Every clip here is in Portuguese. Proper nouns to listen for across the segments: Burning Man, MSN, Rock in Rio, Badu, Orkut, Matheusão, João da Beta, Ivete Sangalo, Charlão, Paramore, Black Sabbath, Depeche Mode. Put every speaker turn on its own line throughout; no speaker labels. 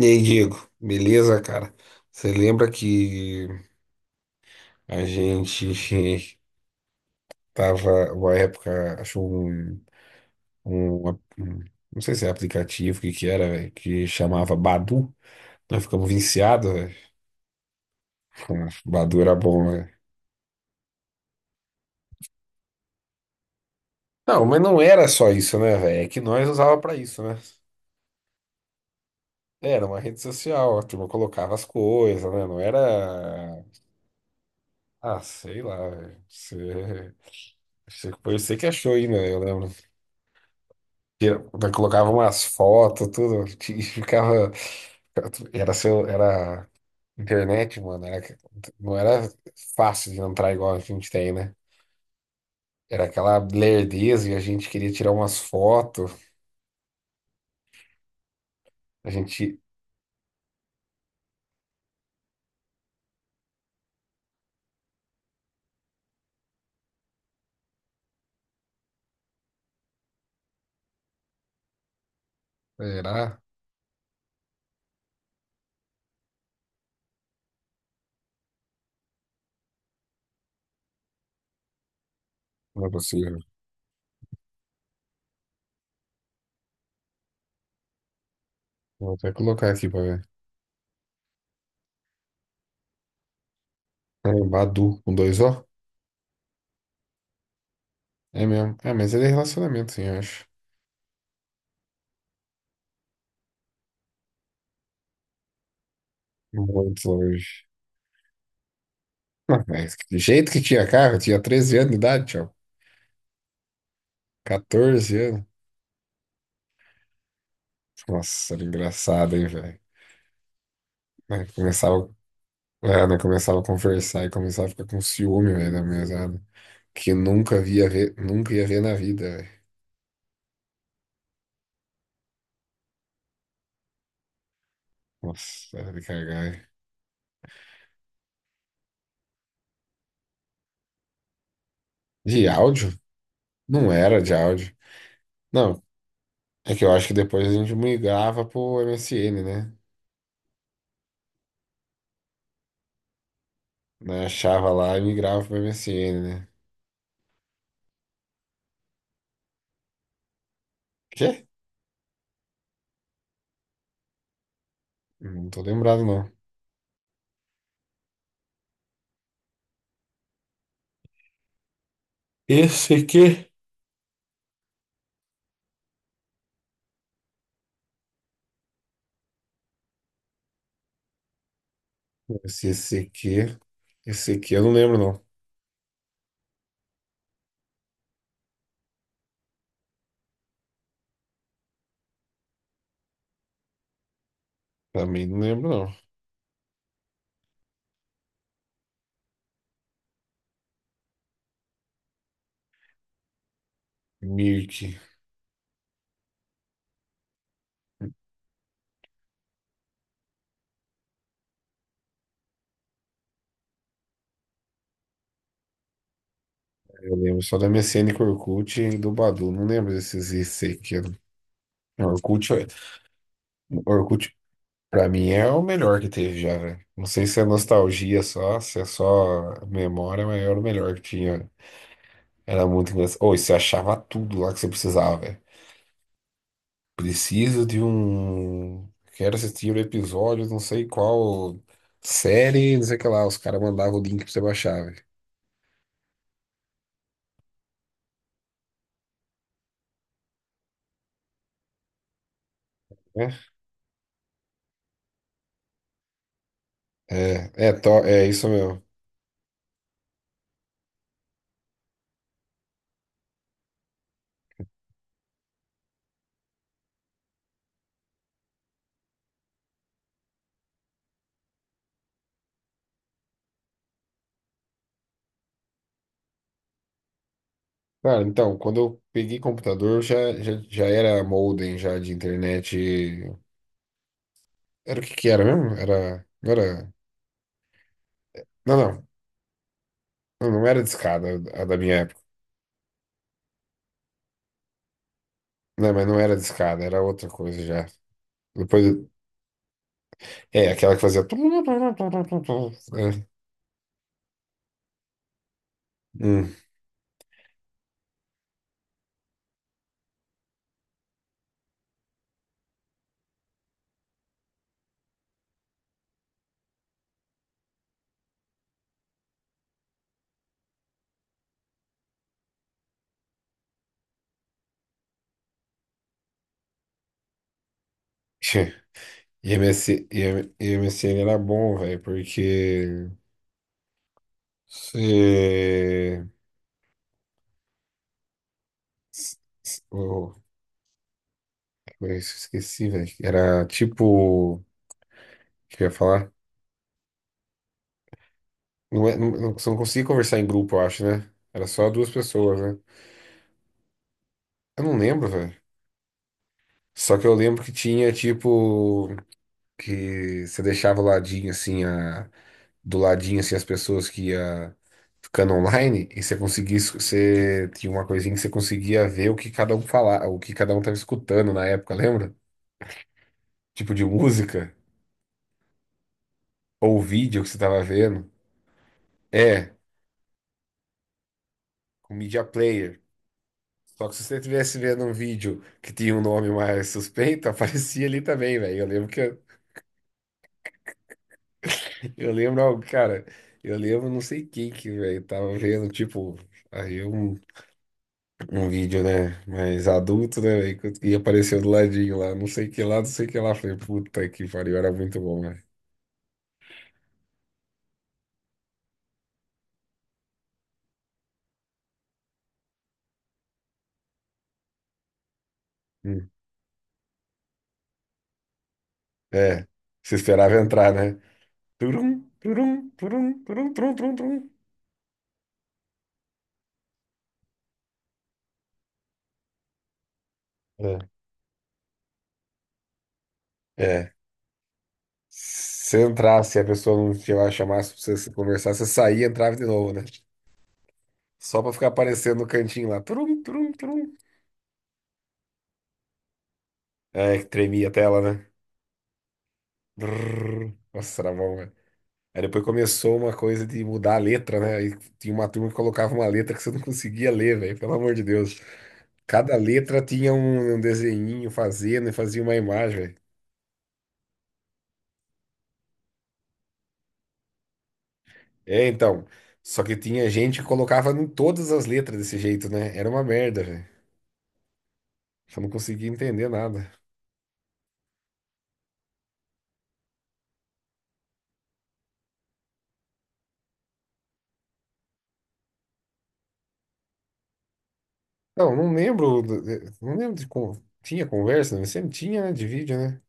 E aí, Diego, beleza, cara? Você lembra que a gente tava uma época, achou um, um não sei se é aplicativo, o que que era, velho, que chamava Badu. Nós ficamos viciados, velho. Como Badu era bom, velho. Não, mas não era só isso, né, velho? É que nós usava pra isso, né? Era uma rede social, a turma colocava as coisas, né? Não era, ah, sei lá, velho. Você foi você que achou ainda, eu lembro. Daí Colocava umas fotos, tudo, e ficava. Era seu, era internet, mano. Era, não era fácil de entrar igual a gente tem, né? Era aquela lerdeza e a gente queria tirar umas fotos. A gente. Era. Não é possível. Vou até colocar aqui pra ver. É, Badu, com dois O? É mesmo. É, mas ele é relacionamento, sim, eu acho. Muito longe. Não, mas do jeito que tinha carro, eu tinha 13 anos de idade, tchau. 14 anos. Nossa, era engraçado, hein, velho. né, que começava, né, começava a conversar e começava a ficar com ciúme, velho, da mesada. Que nunca via ver, nunca ia ver na vida, velho. Nossa, era de cagar. Velho. De áudio? Não era de áudio. Não, é que eu acho que depois a gente migrava pro MSN, né? Né, Achava lá e migrava pro MSN, né? Quê? Não tô lembrado, não. Esse aqui. Esse, esse aqui, esse aqui eu não lembro, não. Também não lembro, não. Mirk. Eu lembro só da MSN com o Orkut e do Badu. Não lembro desses IC que eram. Orkut, Orkut, pra mim, é o melhor que teve já, velho. Não sei se é nostalgia só, se é só memória, mas era o melhor que tinha. Era muito engraçado. Ou você achava tudo lá que você precisava, velho. Preciso de um. Quero assistir o episódio, não sei qual série, não sei o que lá. Os caras mandavam o link pra você baixar, velho. É, é isso mesmo. Cara, então, quando eu peguei computador, já era modem já de internet. Era o que que era mesmo? Não, não, não era discada a da minha época. Não, mas não era discada, era outra coisa já. Depois, é, aquela que fazia... É. Hum. IMSN era bom, velho, porque... Se... se- Oh, eu esqueci, velho. Era tipo... O que eu ia falar? Não, não você não conseguia conversar em grupo, eu acho, né? Era só duas pessoas, né? Eu não lembro, velho. Só que eu lembro que tinha, tipo, que você deixava o ladinho, assim, do ladinho, assim, as pessoas que ia ficando online e você conseguia, você tinha uma coisinha que você conseguia ver o que cada um falava, o que cada um tava escutando na época, lembra? Tipo de música ou vídeo que você tava vendo. É, com media player. Só que se você estivesse vendo um vídeo que tinha um nome mais suspeito, aparecia ali também, velho. Eu lembro, algo, cara, eu lembro não sei quem que, velho, tava vendo, tipo, aí um, um vídeo, né, mais adulto, né, velho, e apareceu do ladinho lá, não sei que lá, não sei que lá. Falei, puta que pariu, era muito bom, velho. Hum. É, se esperava entrar, né? Turum, turum, turum, turum, turum, turum, turum. É. É. Se entrasse, a pessoa não te chamasse pra você conversar, você saía e entrava de novo, né? Só pra ficar aparecendo no cantinho lá. Trum, trum, trum. É, que tremia a tela, né? Brrr. Nossa, era bom, velho. Aí depois começou uma coisa de mudar a letra, né? Aí tinha uma turma que colocava uma letra que você não conseguia ler, velho. Pelo amor de Deus. Cada letra tinha um desenhinho fazendo e fazia uma imagem, velho. É, então. Só que tinha gente que colocava em todas as letras desse jeito, né? Era uma merda, velho. Eu não conseguia entender nada. Não, não lembro. do- Não lembro de como. Tinha conversa, né? Sempre tinha, né? De vídeo, né?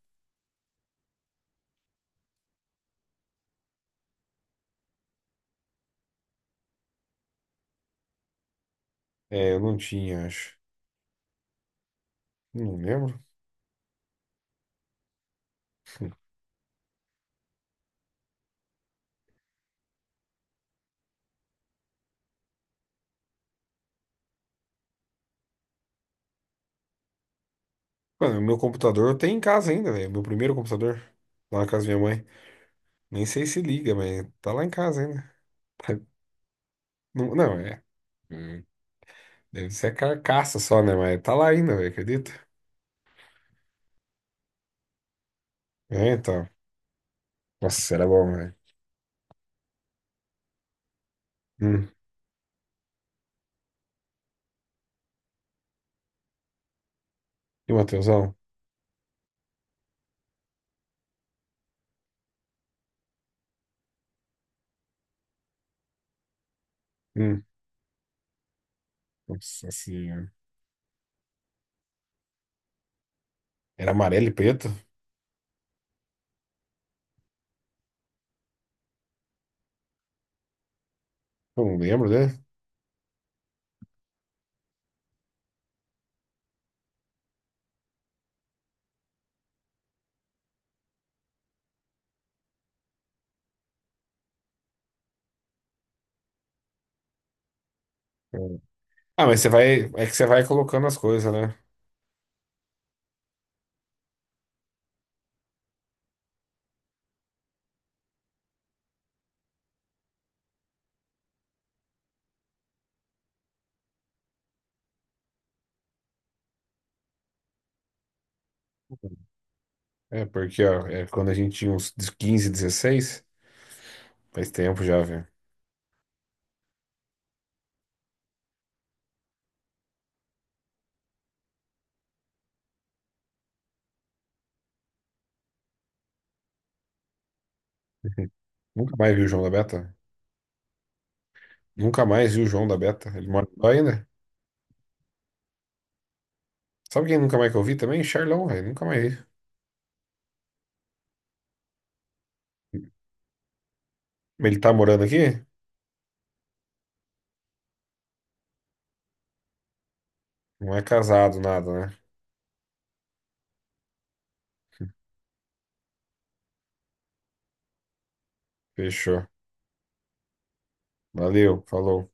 É, eu não tinha, acho. Não lembro. Mano, o meu computador eu tenho em casa ainda, velho. Meu primeiro computador. Lá na casa da minha mãe. Nem sei se liga, mas tá lá em casa ainda. Tá- Não, não, é. Hum, Deve ser a carcaça só, né? Mas tá lá ainda, velho. Acredita? É, então. Nossa, era bom, velho. Hum. E o Matheusão? Hum. Nossa senhora. Era amarelo e preto? Eu não lembro, né? Hum. Ah, mas você vai. É que você vai colocando as coisas, né? É, porque, ó, é quando a gente tinha uns 15, 16. Faz tempo já, velho. Nunca mais vi o João da Beta. Nunca mais vi o João da Beta. Ele mora lá ainda. Sabe quem nunca mais que eu vi também? Charlão, velho. Nunca mais vi. Ele tá morando aqui? Não é casado, nada, né? Fechou. Valeu, falou.